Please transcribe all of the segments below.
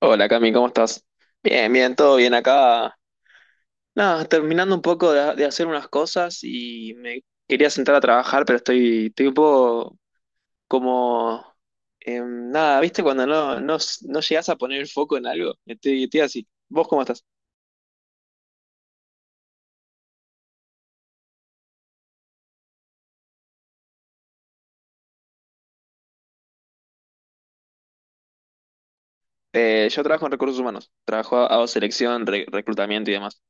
Hola Cami, ¿cómo estás? Bien, bien, todo bien acá. Nada, terminando un poco de hacer unas cosas y me quería sentar a trabajar, pero estoy un poco como... em, nada, ¿viste? Cuando no llegás a poner el foco en algo, estoy así. ¿Vos cómo estás? Yo trabajo en recursos humanos, trabajo, hago selección, reclutamiento y demás.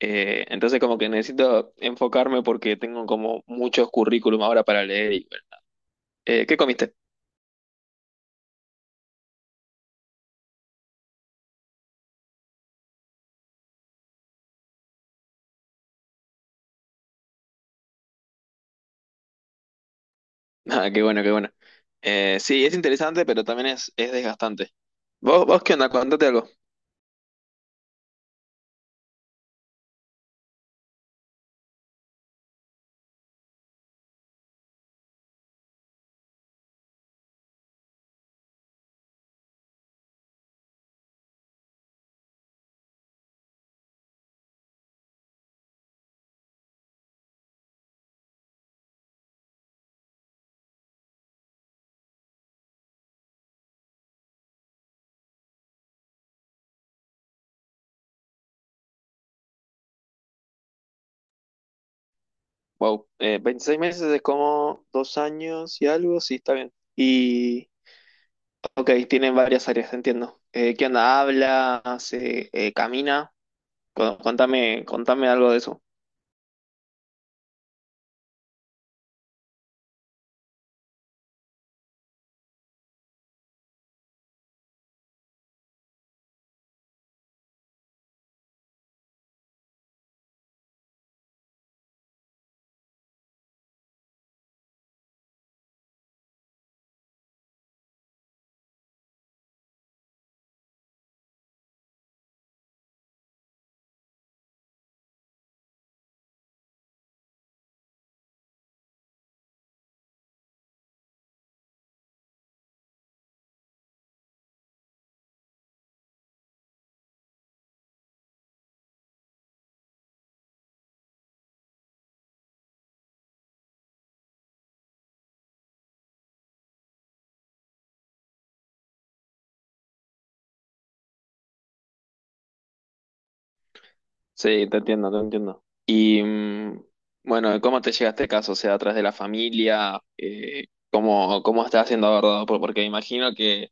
Entonces como que necesito enfocarme porque tengo como muchos currículum ahora para leer. Y, bueno. ¿Qué comiste? Ah, qué bueno, qué bueno. Sí, es interesante, pero también es desgastante. ¿Vos qué onda? Cuéntate algo. Wow, 26 meses es como dos años y algo, sí, está bien. Y, ok, tienen varias áreas, entiendo. ¿Qué onda? ¿Habla? ¿Hace, camina? Contame, contame algo de eso. Sí, te entiendo, te entiendo. Y, bueno, ¿cómo te llega este caso? O sea, ¿atrás de la familia? ¿Cómo, cómo estás siendo abordado? Porque imagino que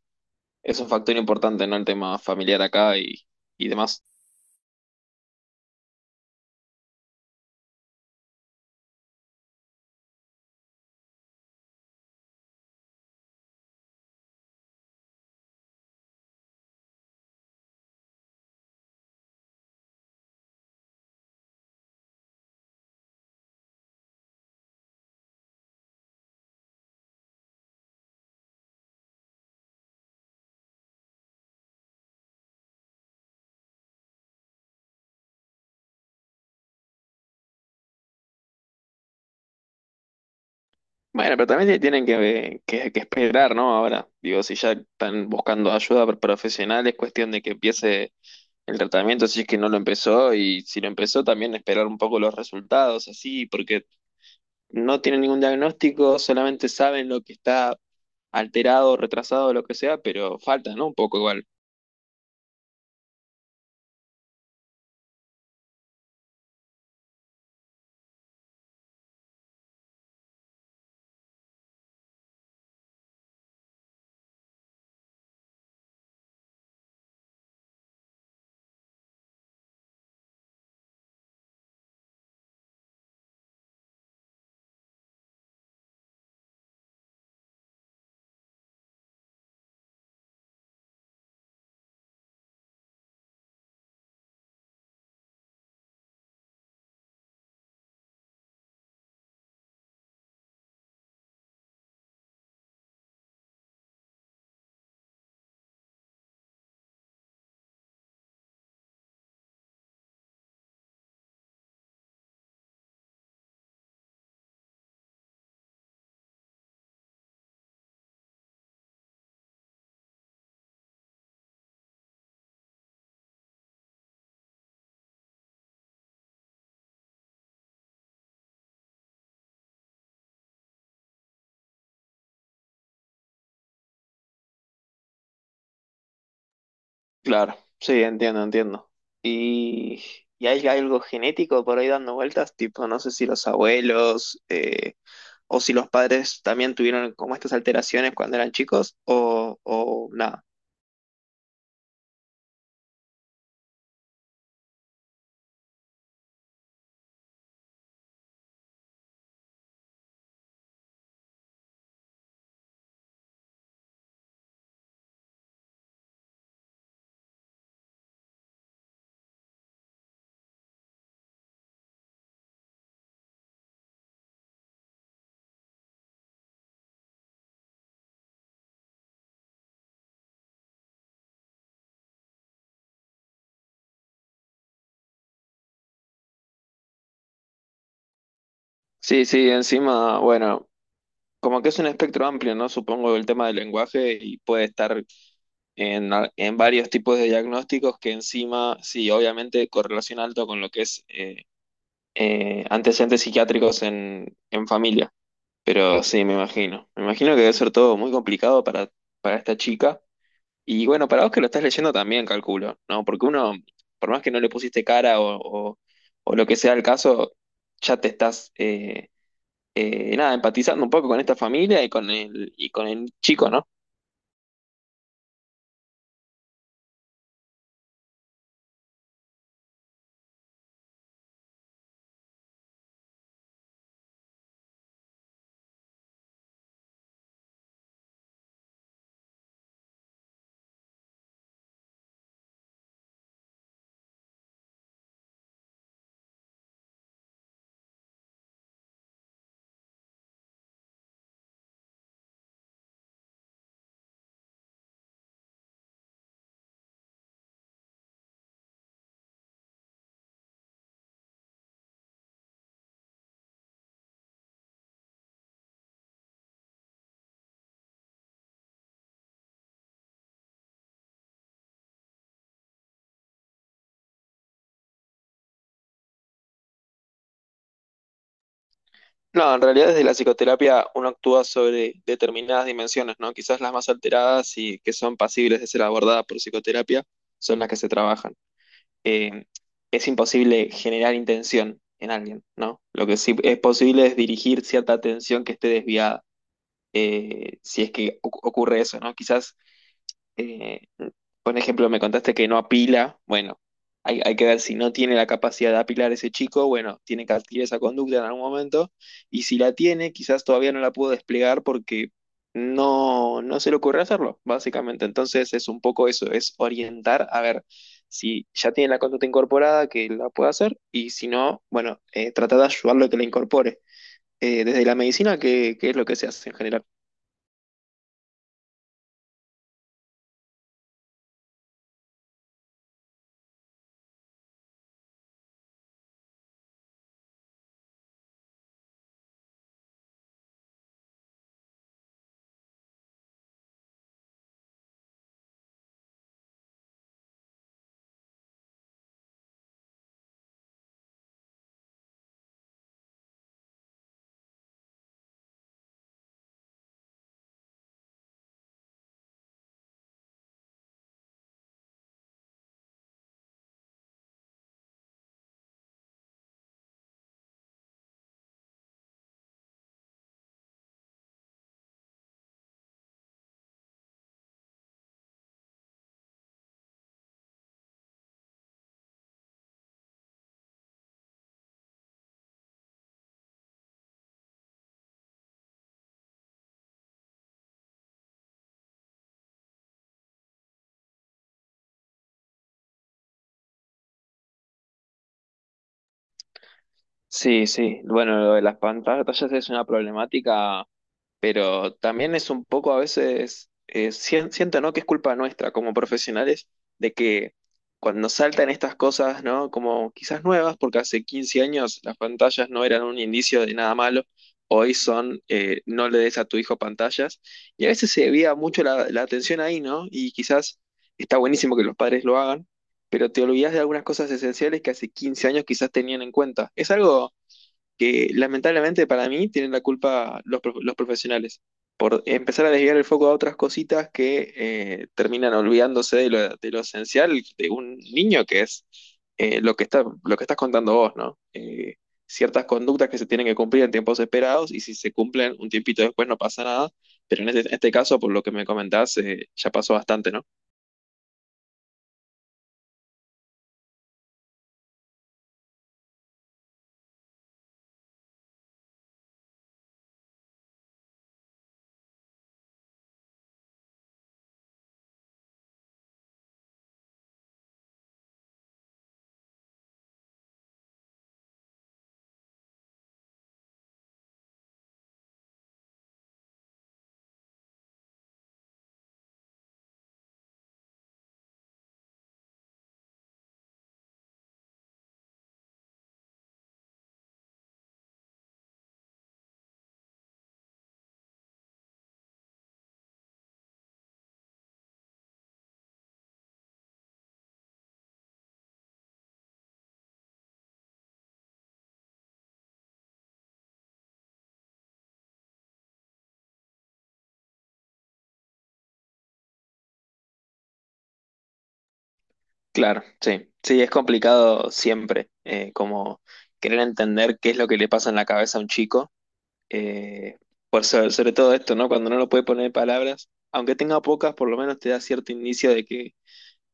es un factor importante, ¿no? El tema familiar acá y demás. Bueno, pero también tienen que esperar, ¿no? Ahora, digo, si ya están buscando ayuda profesional, es cuestión de que empiece el tratamiento, si es que no lo empezó, y si lo empezó, también esperar un poco los resultados, así, porque no tienen ningún diagnóstico, solamente saben lo que está alterado, retrasado, lo que sea, pero falta, ¿no? Un poco igual. Claro, sí, entiendo, entiendo. Y, y hay algo genético por ahí dando vueltas, tipo, no sé si los abuelos o si los padres también tuvieron como estas alteraciones cuando eran chicos o nada. Sí, sí, encima, bueno, como que es un espectro amplio, ¿no? Supongo el tema del lenguaje y puede estar en, en varios tipos de diagnósticos que encima, sí, obviamente correlación alto con lo que es antecedentes psiquiátricos en familia. Pero sí, me imagino. Me imagino que debe ser todo muy complicado para esta chica. Y bueno, para vos que lo estás leyendo también, calculo, ¿no? Porque uno, por más que no le pusiste cara o, o- o lo que sea el caso, ya te estás, nada, empatizando un poco con esta familia y con el chico, ¿no? No, en realidad desde la psicoterapia uno actúa sobre determinadas dimensiones, ¿no? Quizás las más alteradas y que son pasibles de ser abordadas por psicoterapia son las que se trabajan. eh, es imposible generar intención en alguien, ¿no? Lo que sí es posible es dirigir cierta atención que esté desviada, si es que ocurre eso, ¿no? Quizás eh, por ejemplo, me contaste que no apila. Bueno, hay que ver si no tiene la capacidad de apilar ese chico. Bueno, tiene que adquirir esa conducta en algún momento. Y si la tiene, quizás todavía no la pudo desplegar porque no se le ocurre hacerlo, básicamente. Entonces es un poco eso, es orientar a ver si ya tiene la conducta incorporada, que la pueda hacer. Y si no, bueno, tratar de ayudarlo a que la incorpore. Desde la medicina, ¿qué es lo que se hace en general? Sí, sí. Bueno, lo de las pantallas es una problemática, pero también es un poco a veces, siento, ¿no? que es culpa nuestra como profesionales de que cuando saltan estas cosas, ¿no? Como quizás nuevas, porque hace 15 años las pantallas no eran un indicio de nada malo, hoy son, no le des a tu hijo pantallas, y a veces se desvía mucho la atención ahí, ¿no? Y quizás está buenísimo que los padres lo hagan. Pero te olvidas de algunas cosas esenciales que hace 15 años quizás tenían en cuenta. Es algo que lamentablemente para mí tienen la culpa los profesionales por empezar a desviar el foco a otras cositas que terminan olvidándose de lo esencial de un niño que es lo que estás contando vos, ¿no? Ciertas conductas que se tienen que cumplir en tiempos esperados y si se cumplen un tiempito después no pasa nada, pero en este, este caso, por lo que me comentás, ya pasó bastante, ¿no? Claro, sí, sí, es complicado siempre, como querer entender qué es lo que le pasa en la cabeza a un chico. Eh, por sobre, sobre todo esto, ¿no? Cuando no lo puede poner en palabras, aunque tenga pocas, por lo menos te da cierto indicio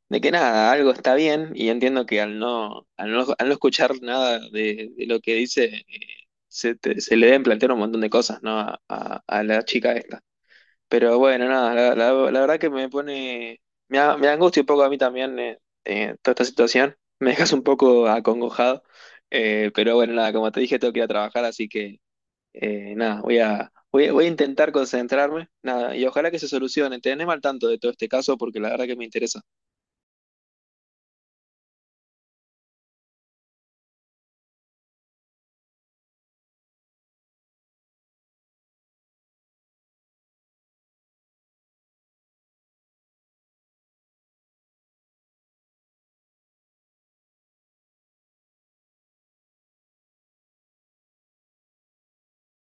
de que nada, algo está bien, y entiendo que al no, al no, al no escuchar nada de, de lo que dice, se le deben plantear un montón de cosas, ¿no? A, a la chica esta. Pero bueno, nada, la, la verdad que me pone, me angustia un poco a mí también toda esta situación, me dejas un poco acongojado. Pero bueno, nada, como te dije, tengo que ir a trabajar, así que nada, voy a, voy, voy a intentar concentrarme, nada, y ojalá que se solucione. Tenedme al tanto de todo este caso porque la verdad que me interesa.